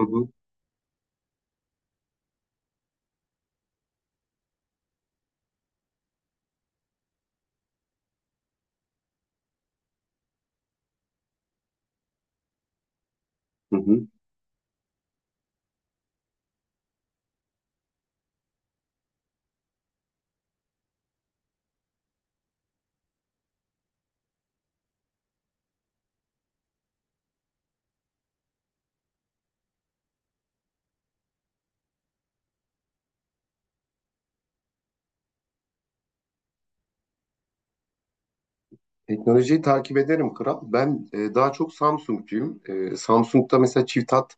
Hı hı, hı hı. Teknolojiyi takip ederim kral. Ben daha çok Samsung'cuyum. Samsung'da mesela çift hat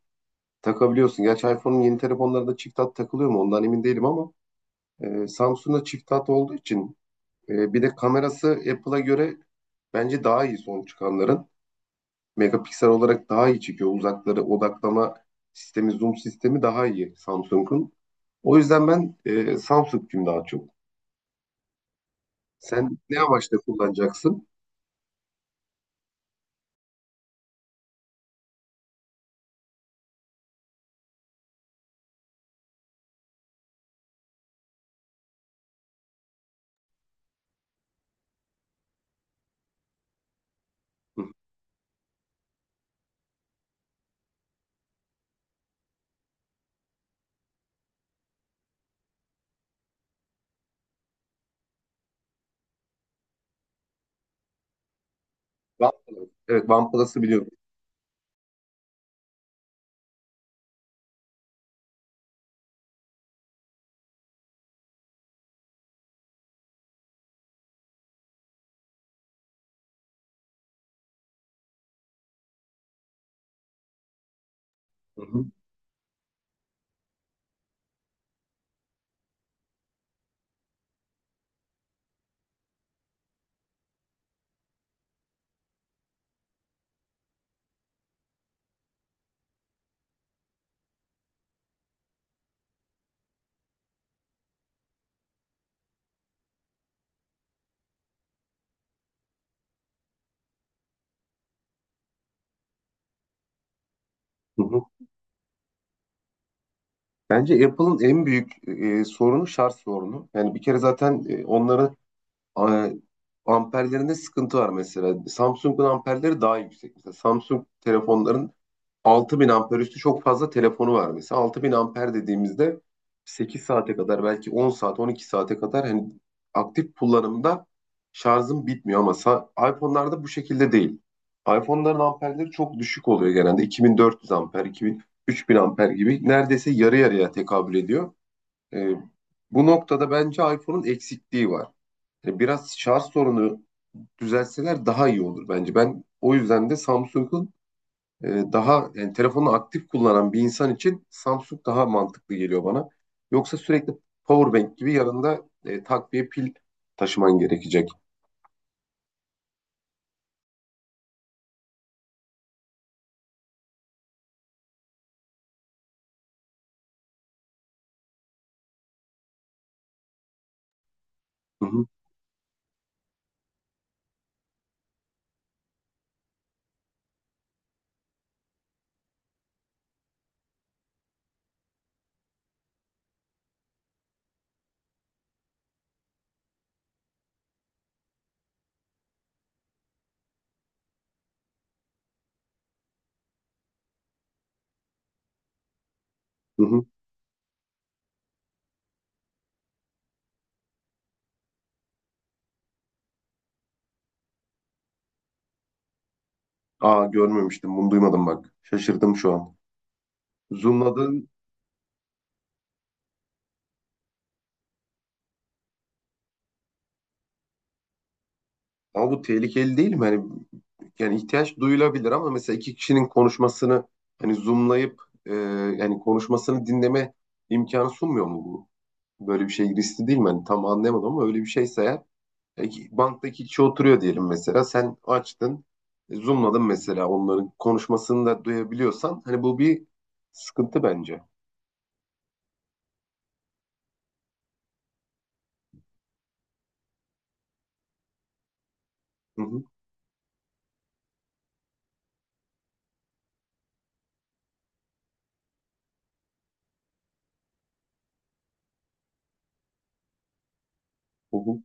takabiliyorsun. Gerçi iPhone'un yeni telefonlarında çift hat takılıyor mu ondan emin değilim ama Samsung'da çift hat olduğu için bir de kamerası Apple'a göre bence daha iyi son çıkanların. Megapiksel olarak daha iyi çekiyor. Uzakları odaklama sistemi, zoom sistemi daha iyi Samsung'un. O yüzden ben Samsung'cuyum daha çok. Sen ne amaçla kullanacaksın? Hı hı. One- Evet, OnePlus'ı biliyorum. Hı hı. Hı hı. Bence Apple'ın en büyük sorunu şarj sorunu. Yani bir kere zaten onların a- amperlerinde sıkıntı var mesela. Samsung'un amperleri daha yüksek. Mesela Samsung telefonların 6000 amper üstü çok fazla telefonu var mesela. 6000 amper dediğimizde 8 saate kadar belki 10 saat 12 saate kadar hani aktif kullanımda şarjım bitmiyor ama iPhone'larda bu şekilde değil. iPhone'ların amperleri çok düşük oluyor genelde. 2400 amper, 2000, 3000 amper gibi neredeyse yarı yarıya tekabül ediyor. Ee, bu noktada bence iPhone'un eksikliği var. Yani biraz şarj sorunu düzelseler daha iyi olur bence. Ben o yüzden de Samsung'un e, daha yani telefonu aktif kullanan bir insan için Samsung daha mantıklı geliyor bana. Yoksa sürekli powerbank gibi yanında takviye pil taşıman gerekecek. Hı hı, hı hı. Aa görmemiştim bunu duymadım bak. Şaşırdım şu an. Zoomladığın ama bu tehlikeli değil mi? Hani, yani ihtiyaç duyulabilir ama mesela iki kişinin konuşmasını hani zoomlayıp yani konuşmasını dinleme imkanı sunmuyor mu bu? Böyle bir şey riskli değil mi? Hani tam anlayamadım ama öyle bir şeyse eğer E, Banktaki kişi oturuyor diyelim mesela. Sen açtın, zoomladın mesela onların konuşmasını da duyabiliyorsan. Hani bu bir sıkıntı bence. Hı hı, hı hı.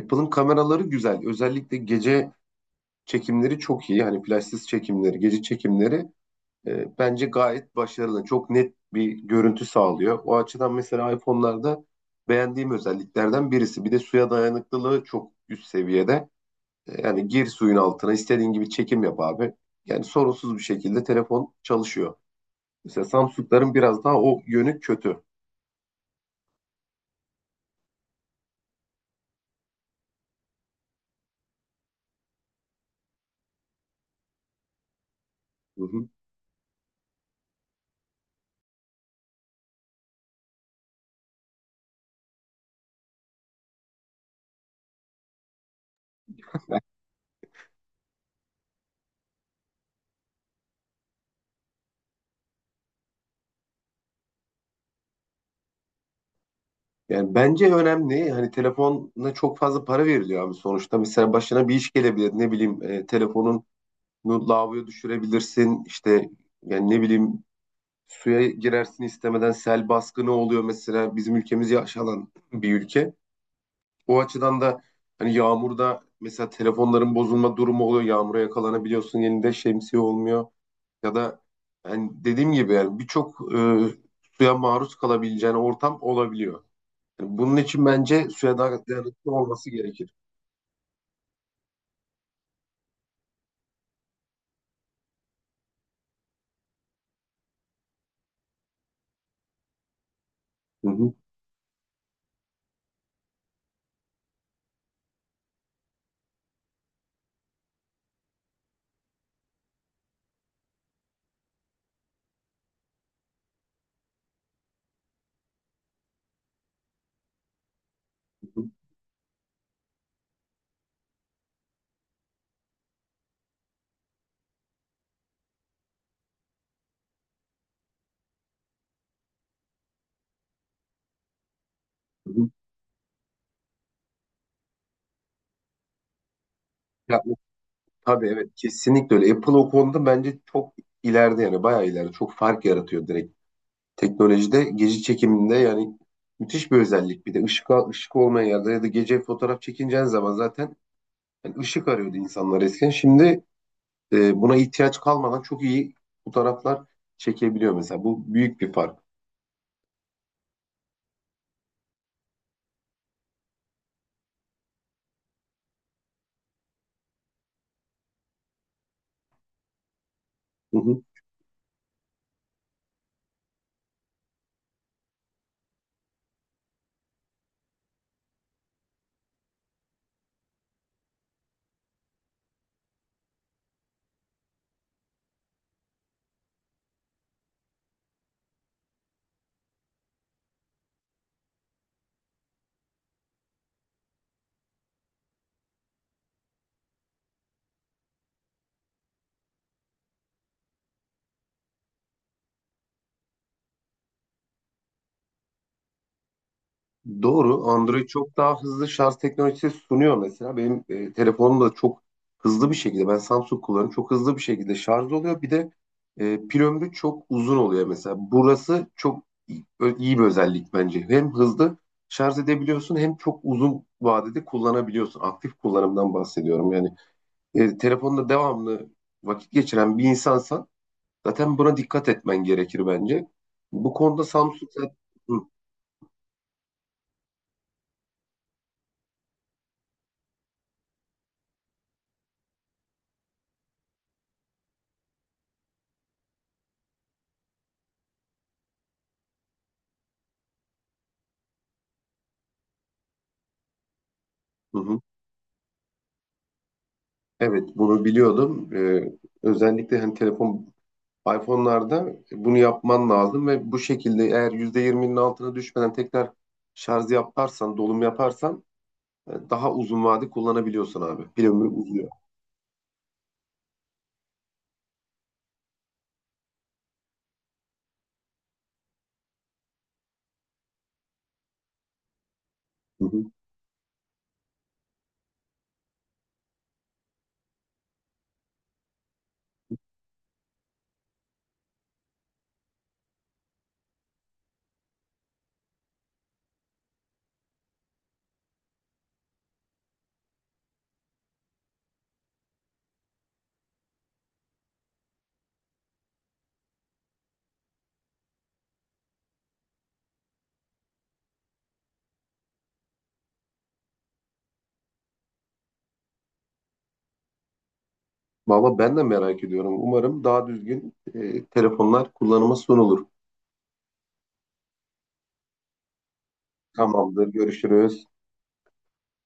Apple'ın kameraları güzel. Özellikle gece çekimleri çok iyi. Hani flashsız çekimleri, gece çekimleri bence gayet başarılı. Çok net bir görüntü sağlıyor. O açıdan mesela iPhone'larda beğendiğim özelliklerden birisi. Bir de suya dayanıklılığı çok üst seviyede. Yani gir suyun altına istediğin gibi çekim yap abi. Yani sorunsuz bir şekilde telefon çalışıyor. Mesela Samsung'ların biraz daha o yönü kötü. Hı hı. Yani bence önemli. Hani telefona çok fazla para veriliyor abi sonuçta. Mesela başına bir iş gelebilir. Ne bileyim telefonunu lavaboya düşürebilirsin. İşte yani ne bileyim suya girersin istemeden sel baskını oluyor mesela. Bizim ülkemiz yaşanan bir ülke. O açıdan da hani yağmurda mesela telefonların bozulma durumu oluyor. Yağmura yakalanabiliyorsun. Elinde şemsiye olmuyor. Ya da hani dediğim gibi yani birçok suya maruz kalabileceğin ortam olabiliyor. Yani bunun için bence suya daha dayanıklı olması gerekir. Hı hı, hı hı hı. Ya, tabii evet kesinlikle öyle. Apple o konuda bence çok ileride yani bayağı ileride çok fark yaratıyor direkt. Teknolojide gece çekiminde yani müthiş bir özellik. Bir de ışık, ışık olmayan yerde ya da gece fotoğraf çekineceğin zaman zaten yani ışık arıyordu insanlar eskiden. Şimdi buna ihtiyaç kalmadan çok iyi fotoğraflar çekebiliyor mesela. Bu büyük bir fark. Hı hı. Doğru. Android çok daha hızlı şarj teknolojisi sunuyor mesela. Benim telefonum da çok hızlı bir şekilde ben Samsung kullanıyorum. Çok hızlı bir şekilde şarj oluyor. Bir de pil ömrü çok uzun oluyor mesela. Burası çok iyi bir özellik bence. Hem hızlı şarj edebiliyorsun hem çok uzun vadede kullanabiliyorsun. Aktif kullanımdan bahsediyorum. Yani telefonda devamlı vakit geçiren bir insansan zaten buna dikkat etmen gerekir bence. Bu konuda Samsung zaten... Hı, hı hı. Evet bunu biliyordum. Özellikle hani telefon iPhone'larda bunu yapman lazım ve bu şekilde eğer %20'nin altına düşmeden tekrar şarj yaparsan, dolum yaparsan daha uzun vade kullanabiliyorsun abi. Pil ömrü uzuyor. Hı hı. Valla ben de merak ediyorum. Umarım daha düzgün telefonlar kullanıma sunulur. Tamamdır. Görüşürüz.